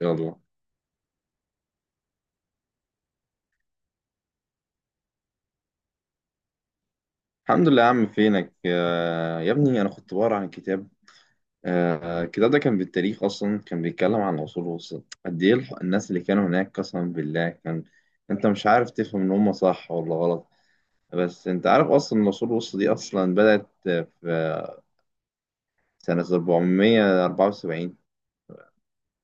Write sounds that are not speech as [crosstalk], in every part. يلا. الحمد لله يا عم. فينك؟ يا ابني، انا كنت بقرا عن كتاب. الكتاب ده كان بالتاريخ، اصلا كان بيتكلم عن العصور الوسطى قد ايه. الناس اللي كانوا هناك قسما بالله، كان انت مش عارف تفهم ان هم صح ولا غلط. بس انت عارف اصلا إن العصور الوسطى دي اصلا بدأت في سنة 474،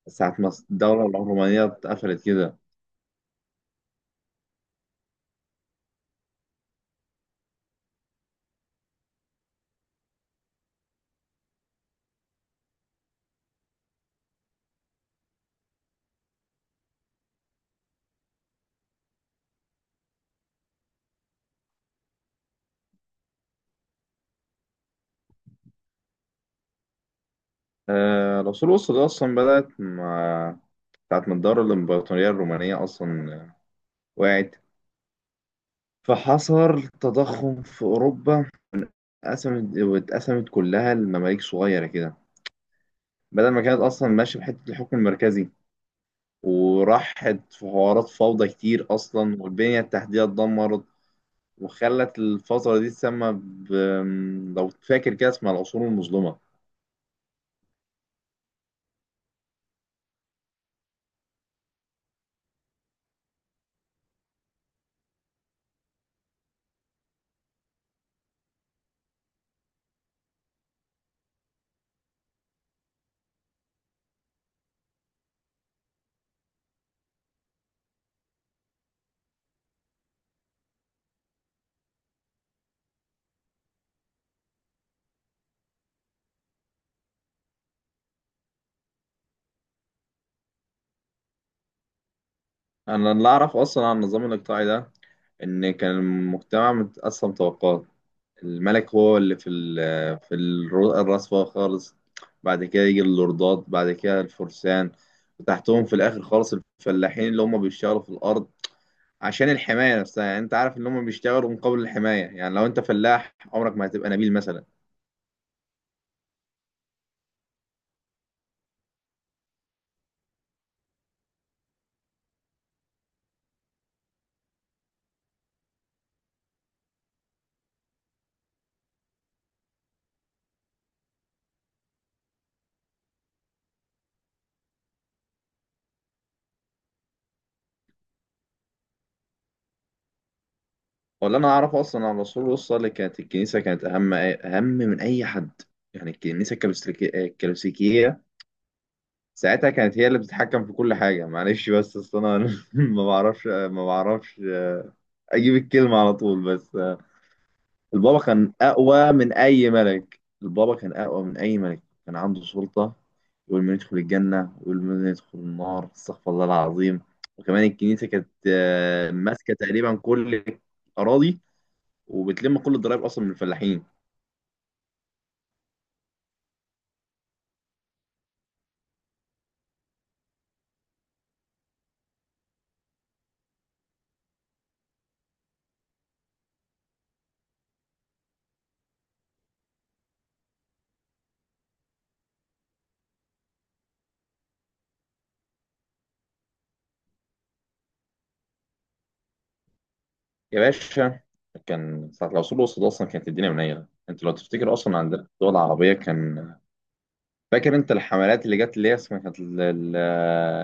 ساعة ما الدولة العثمانية اتقفلت كده. العصور الوسطى دي اصلا بدأت مع ساعة ما الدولة الإمبراطورية الرومانية أصلا وقعت، فحصل تضخم في أوروبا. اتقسمت واتقسمت كلها لمماليك صغيرة كده، بدل ما كانت أصلا ماشية بحتة الحكم المركزي، وراحت في حوارات فوضى كتير أصلا، والبنية التحتية اتدمرت، وخلت الفترة دي تسمى ب. لو فاكر كده اسمها العصور المظلمة. أنا اللي أعرف أصلا عن النظام الإقطاعي ده، إن كان المجتمع متقسم طبقات، الملك هو اللي في الرصفة خالص، بعد كده يجي اللوردات، بعد كده الفرسان، وتحتهم في الآخر خالص الفلاحين اللي هم بيشتغلوا في الأرض عشان الحماية نفسها. يعني أنت عارف إن هم بيشتغلوا مقابل الحماية، يعني لو أنت فلاح عمرك ما هتبقى نبيل مثلا. ولا أنا أعرف أصلا عن الرسول الله صلى الله عليه وسلم، كانت الكنيسة كانت أهم أهم من أي حد. يعني الكنيسة الكلوسيكية ساعتها كانت هي اللي بتتحكم في كل حاجة. معلش بس أصل أنا [laughs] ما بعرفش اجيب الكلمه على طول. بس البابا كان اقوى من اي ملك. البابا كان اقوى من اي ملك، كان عنده سلطه يقول من يدخل الجنه ويقول من يدخل النار. استغفر الله العظيم. وكمان الكنيسه كانت ماسكه تقريبا كل الاراضي، وبتلم كل الضرايب اصلا من الفلاحين. يا باشا، كان ساعه العصور الوسطى ده اصلا كانت الدنيا منيله. انت لو تفتكر اصلا عندنا في الدول العربيه، كان فاكر انت الحملات اللي جت اللي هي اسمها كانت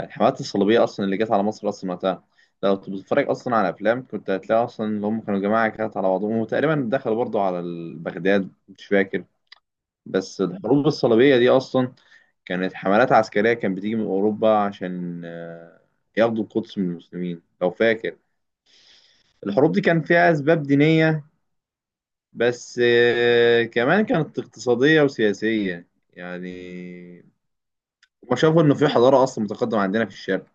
الحملات الصليبيه اصلا اللي جت على مصر اصلا وقتها. لو كنت بتتفرج اصلا على افلام، كنت هتلاقي اصلا اللي هم كانوا جماعه كانت على بعضهم، وتقريبا دخلوا برضو على بغداد، مش فاكر. بس الحروب الصليبيه دي اصلا كانت حملات عسكريه كانت بتيجي من اوروبا عشان ياخدوا القدس من المسلمين، لو فاكر. الحروب دي كان فيها اسباب دينيه، بس كمان كانت اقتصاديه وسياسيه يعني. هما شافوا إن في حضارة أصلا متقدمة عندنا في الشرق.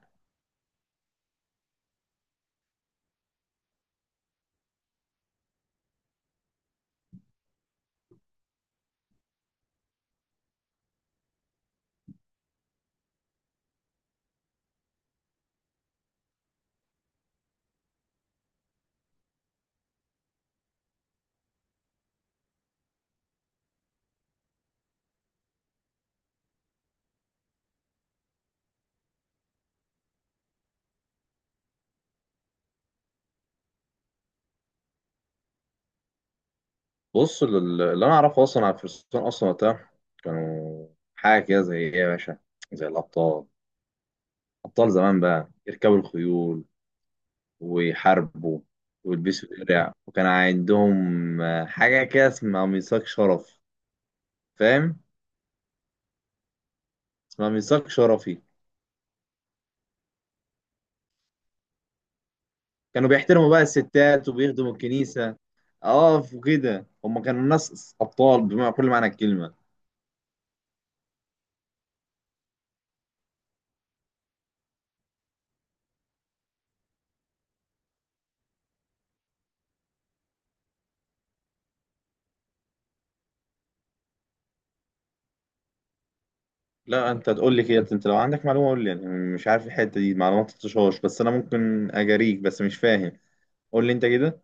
بص، اللي أنا أعرفه أصلا على الفرسان أصلا وقتها كانوا حاجة كده زي إيه يا باشا، زي الأبطال. أبطال زمان بقى، يركبوا الخيول ويحاربوا ويلبسوا درع، وكان عندهم حاجة كده اسمها ميثاق شرف، فاهم؟ اسمها ميثاق شرفي. كانوا بيحترموا بقى الستات وبيخدموا الكنيسة. اه وكده هما كانوا ناس أبطال بمعنى كل معنى الكلمة. لا انت تقول لي كده، انت لو عندك معلومه قول لي يعني. مش عارف الحته دي معلومه، ما تطشهاش. بس انا ممكن اجاريك، بس مش فاهم. قول لي انت كده.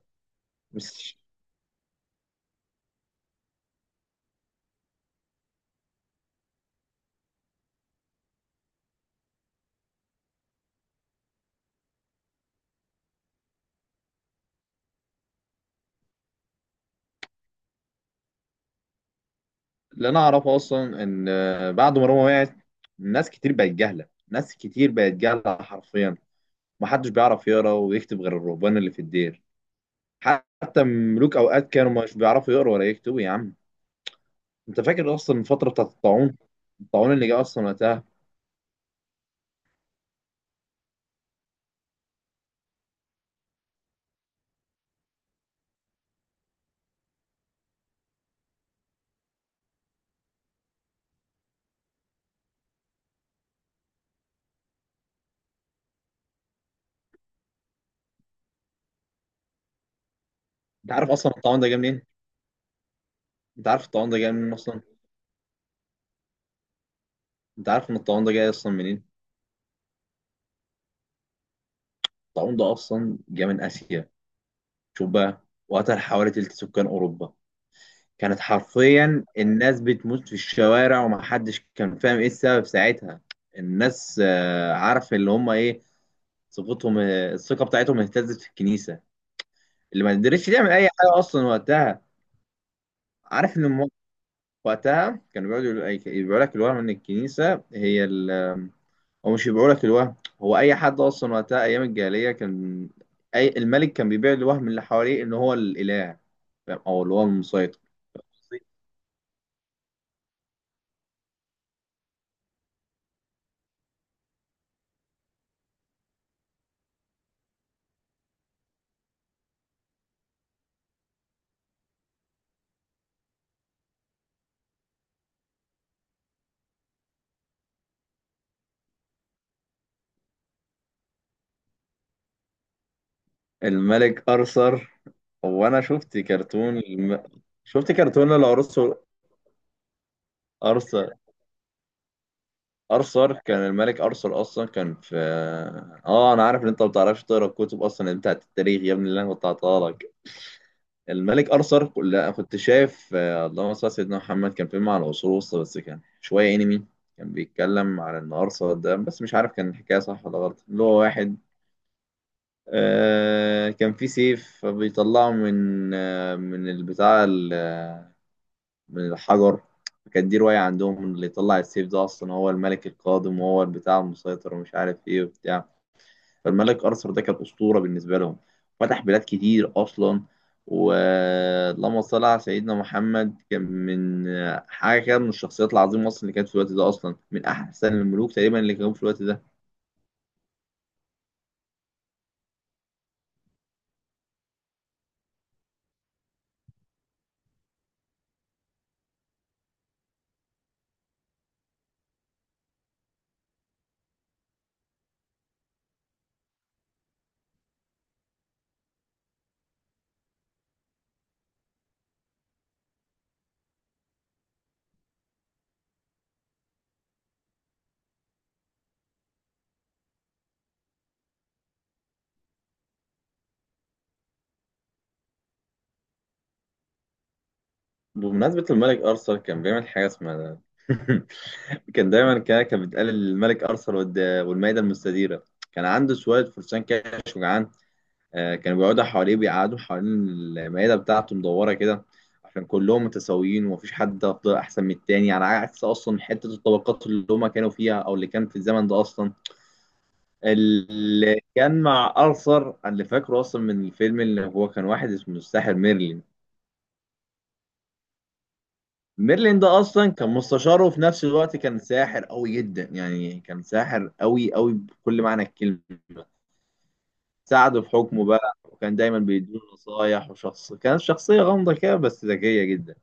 بس اللي انا اعرفه اصلا ان بعد ما روما وقعت، ناس كتير بقت جهله، ناس كتير بقت جهله حرفيا. محدش بيعرف يقرا ويكتب غير الرهبان اللي في الدير. حتى ملوك اوقات كانوا مش بيعرفوا يقروا ولا يكتبوا يا عم. انت فاكر اصلا الفتره بتاعت الطاعون، الطاعون اللي جه اصلا وقتها؟ انت عارف اصلا الطاعون ده جه منين؟ انت عارف الطاعون ده جه منين اصلا؟ انت عارف ان الطاعون ده جاي اصلا منين؟ الطاعون ده اصلا جه من اسيا. شوف بقى، وقتل حوالي تلت سكان اوروبا. كانت حرفيا الناس بتموت في الشوارع، ومحدش كان فاهم ايه السبب ساعتها. الناس عارف اللي هم ايه، ثقتهم آه، الثقه بتاعتهم اهتزت في الكنيسه اللي ما قدرتش تعمل اي حاجه اصلا وقتها. عارف ان وقتها كانوا بيقول لك الوهم ان الكنيسه هي هو مش بيبيعوا لك الوهم. هو اي حد اصلا وقتها ايام الجاهليه كان، اي الملك كان بيبيع الوهم اللي حواليه ان هو الاله، فاهم؟ او اللي هو المسيطر. الملك ارثر. هو انا شفت كرتون الارثر. ارثر. ارثر، كان الملك ارثر اصلا كان في، اه انا عارف ان انت ما بتعرفش تقرا الكتب اصلا بتاعت التاريخ يا ابني اللي انا كنت هعطاها لك. الملك ارثر، كل انا كنت شايف اللهم صل على سيدنا محمد، كان فيلم على العصور الوسطى بس كان شويه انمي. كان بيتكلم على ان ارثر ده، بس مش عارف كان الحكايه صح ولا غلط، اللي هو واحد كان في سيف بيطلعه من آه من البتاع ال- آه، من الحجر. كان دي روايه عندهم، اللي يطلع السيف ده اصلا هو الملك القادم وهو البتاع المسيطر، ومش عارف ايه وبتاع. فالملك ارثر ده كان اسطوره بالنسبه لهم. فتح بلاد كتير اصلا. ولما صلى على سيدنا محمد، كان من حاجه كده من الشخصيات العظيمه اصلا اللي كانت في الوقت ده، اصلا من احسن الملوك تقريبا اللي كانوا في الوقت ده. بمناسبه الملك ارثر، كان بيعمل حاجه اسمها [laughs] كان دايما كده كان بيتقال الملك ارثر والمائده المستديره. كان عنده شويه فرسان كده، كانوا بيقعدوا حوالين المائدة بتاعته مدورة كده عشان كلهم متساويين ومفيش حد أفضل أحسن من التاني، على عكس أصلا حتة الطبقات اللي هما كانوا فيها أو اللي كان في الزمن ده أصلا. اللي كان مع أرثر، اللي فاكره أصلا من الفيلم، اللي هو كان واحد اسمه الساحر ميرلين. ميرلين ده أصلا كان مستشاره، وفي نفس الوقت كان ساحر قوي جدا يعني، كان ساحر قوي قوي بكل معنى الكلمة. ساعده في حكمه بقى، وكان دايما بيديله نصايح، وشخص كانت شخصية غامضة كده بس ذكية جدا.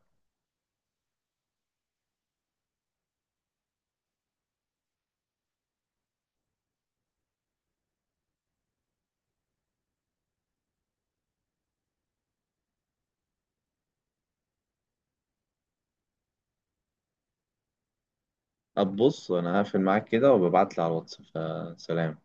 طب بص، أنا هقفل معاك كده وببعتلي على الواتس، فسلام.